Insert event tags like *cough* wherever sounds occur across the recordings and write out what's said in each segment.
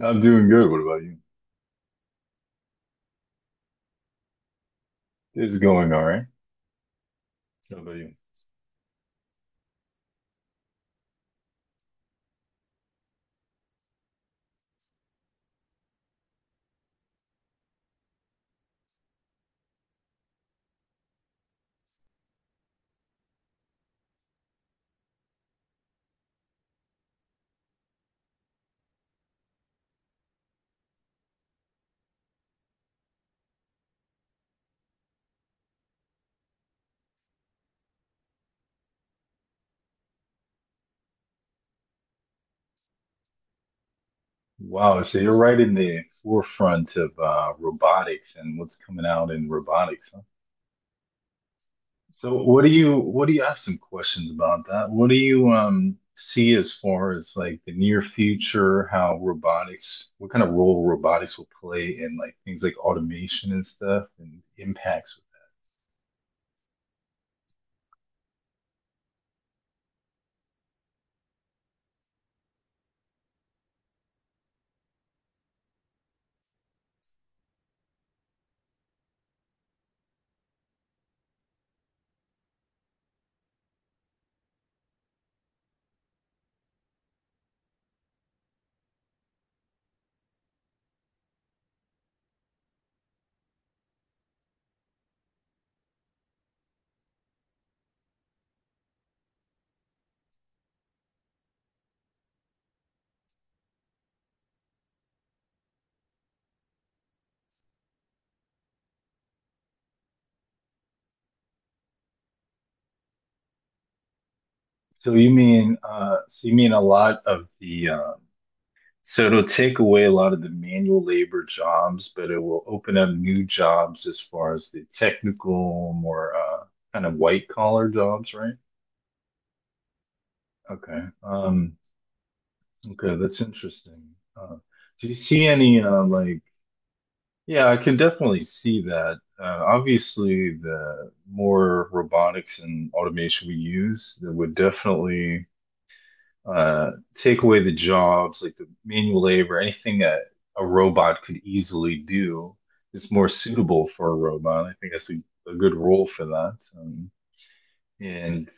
I'm doing good. What about you? It's going all right. What about you? Wow, so you're right in the forefront of robotics and what's coming out in robotics, huh? So what do you I have some questions about that. What do you see as far as like the near future, how robotics, what kind of role robotics will play in like things like automation and stuff and impacts with that? So you mean a lot of the so it'll take away a lot of the manual labor jobs, but it will open up new jobs as far as the technical, more kind of white collar jobs, right? Okay. Okay, that's interesting. Uh, do you see any like, yeah, I can definitely see that. Obviously, the more robotics and automation we use, that would definitely take away the jobs, like the manual labor, anything that a robot could easily do is more suitable for a robot. I think that's a good role for that. And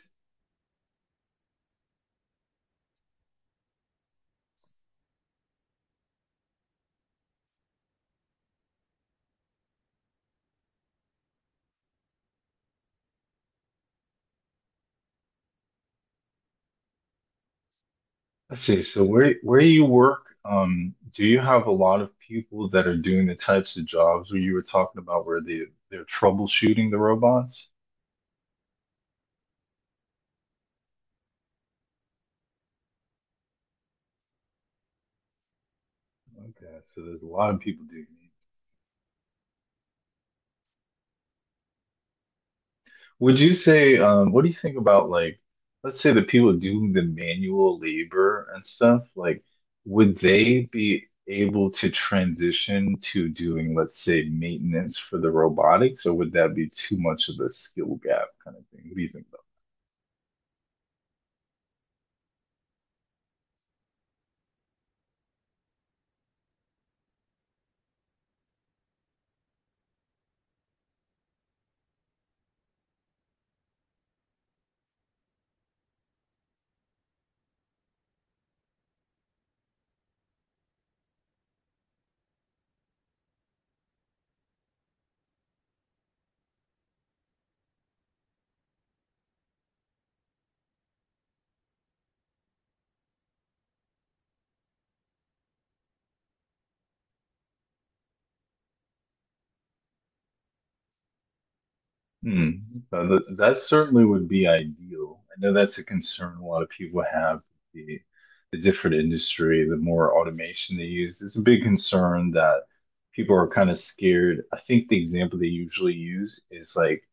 let's see, so where you work, do you have a lot of people that are doing the types of jobs where you were talking about where they're troubleshooting the robots? Okay, so there's a lot of people doing it. Would you say, what do you think about like, let's say the people doing the manual labor and stuff, like, would they be able to transition to doing, let's say, maintenance for the robotics, or would that be too much of a skill gap kind of thing? What do you think? Hmm. That certainly would be ideal. I know that's a concern a lot of people have. The, the different industry, the more automation they use, it's a big concern that people are kind of scared. I think the example they usually use is like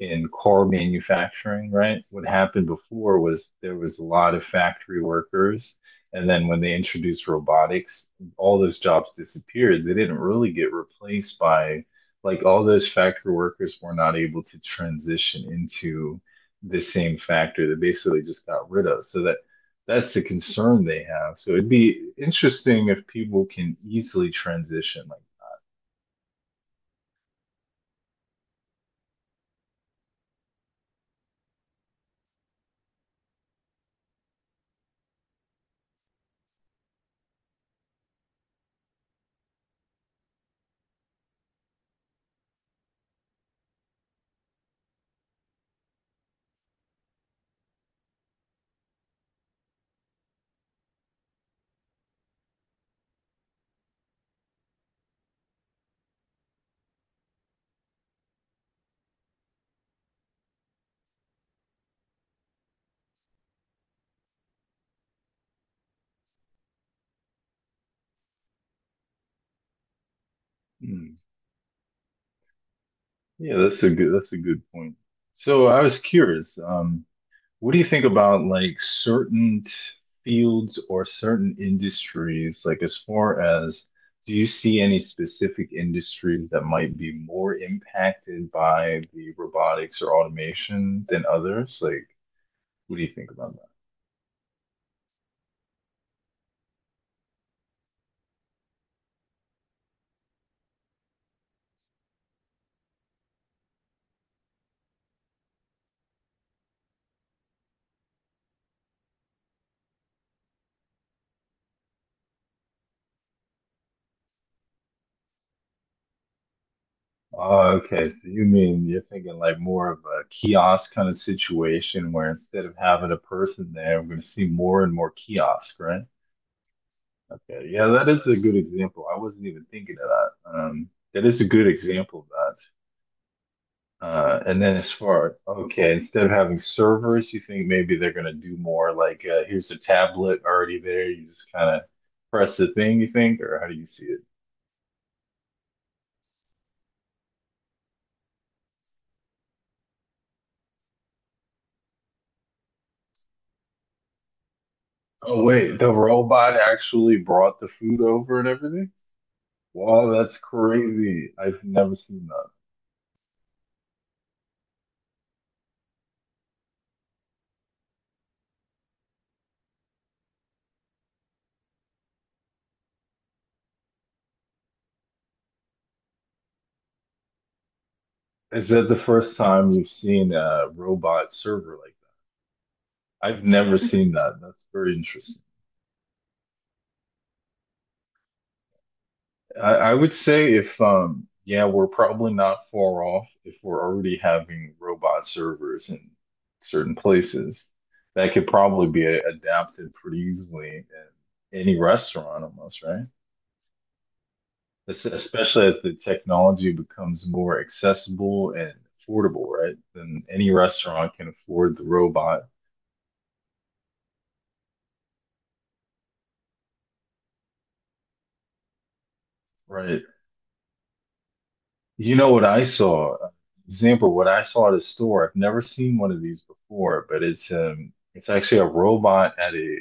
in car manufacturing, right? What happened before was there was a lot of factory workers, and then when they introduced robotics, all those jobs disappeared. They didn't really get replaced by like all those factory workers were not able to transition into the same factory that basically just got rid of. So that's the concern they have. So it'd be interesting if people can easily transition. Like, hmm, yeah, that's a good point. So I was curious. What do you think about like certain fields or certain industries? Like, as far as do you see any specific industries that might be more impacted by the robotics or automation than others? Like, what do you think about that? Oh, okay. So you mean you're thinking like more of a kiosk kind of situation where instead of having a person there, we're going to see more and more kiosk, right? Yeah, yeah, that is a good example. I wasn't even thinking of that. That is a good example of that. And then as far, okay, instead of having servers, you think maybe they're going to do more like here's a tablet already there. You just kind of press the thing, you think, or how do you see it? Oh, wait, the robot actually brought the food over and everything? Wow, that's crazy. I've never seen that. Is that the first time you've seen a robot server like that? I've never *laughs* seen that. That's very interesting. I would say if yeah, we're probably not far off if we're already having robot servers in certain places. That could probably be adapted pretty easily in any restaurant almost, right? Especially as the technology becomes more accessible and affordable, right? Then any restaurant can afford the robot, right? You know what I saw? Example, what I saw at a store. I've never seen one of these before, but it's actually a robot at a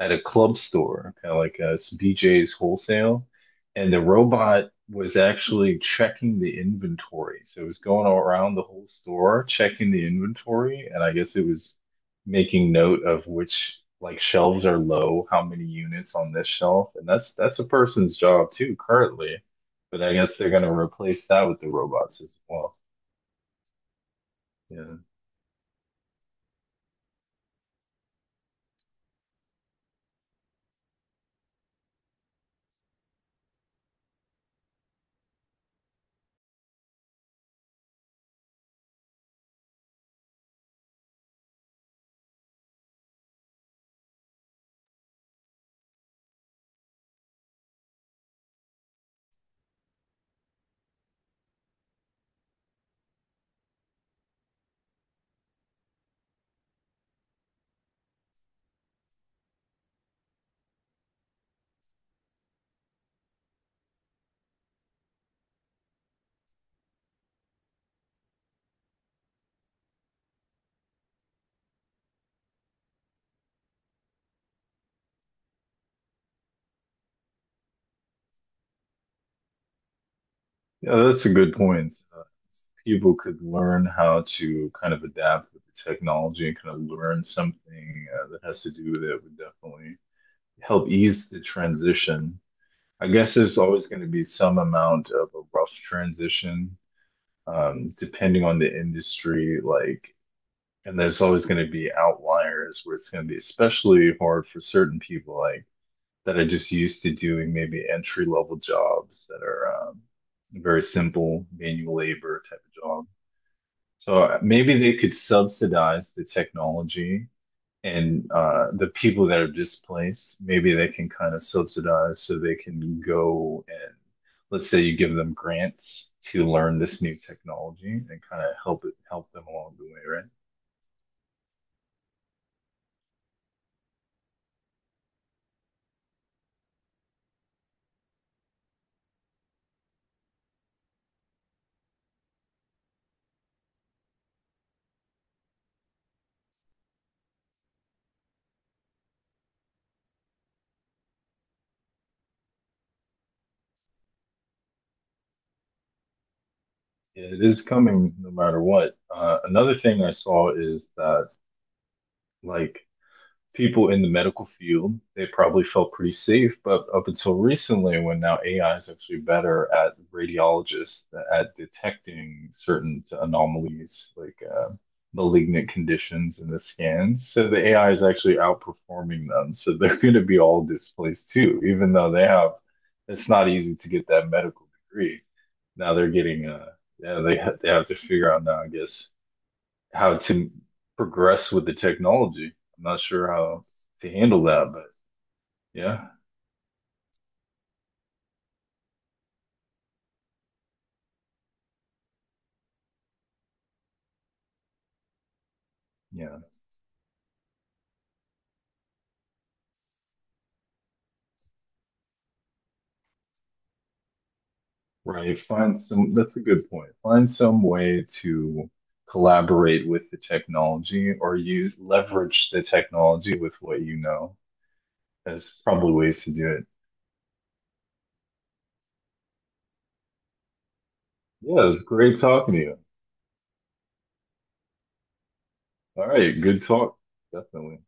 at a club store, kind of like it's BJ's Wholesale, and the robot was actually checking the inventory. So it was going all around the whole store checking the inventory, and I guess it was making note of which like shelves are low, how many units on this shelf, and that's a person's job too currently. But I guess they're gonna replace that with the robots as well. Yeah, yeah, that's a good point. People could learn how to kind of adapt with the technology and kind of learn something that has to do with it would definitely help ease the transition. I guess there's always going to be some amount of a rough transition, depending on the industry. Like, and there's always going to be outliers where it's going to be especially hard for certain people. Like, that are just used to doing maybe entry level jobs that are very simple manual labor type of job. So maybe they could subsidize the technology and the people that are displaced. Maybe they can kind of subsidize so they can go and let's say you give them grants to learn this new technology and kind of help it help them along the way, right? It is coming no matter what. Another thing I saw is that like people in the medical field, they probably felt pretty safe. But up until recently, when now AI is actually better at radiologists at detecting certain anomalies like malignant conditions in the scans, so the AI is actually outperforming them. So they're *laughs* going to be all displaced too, even though they have. It's not easy to get that medical degree. Now they're getting yeah they have to figure out now, I guess how to progress with the technology. I'm not sure how to handle that, but yeah, yeah, right. Find some, that's a good point. Find some way to collaborate with the technology or you leverage the technology with what you know. There's probably ways to do it. Yeah, it was great talking to you. All right, good talk. Definitely.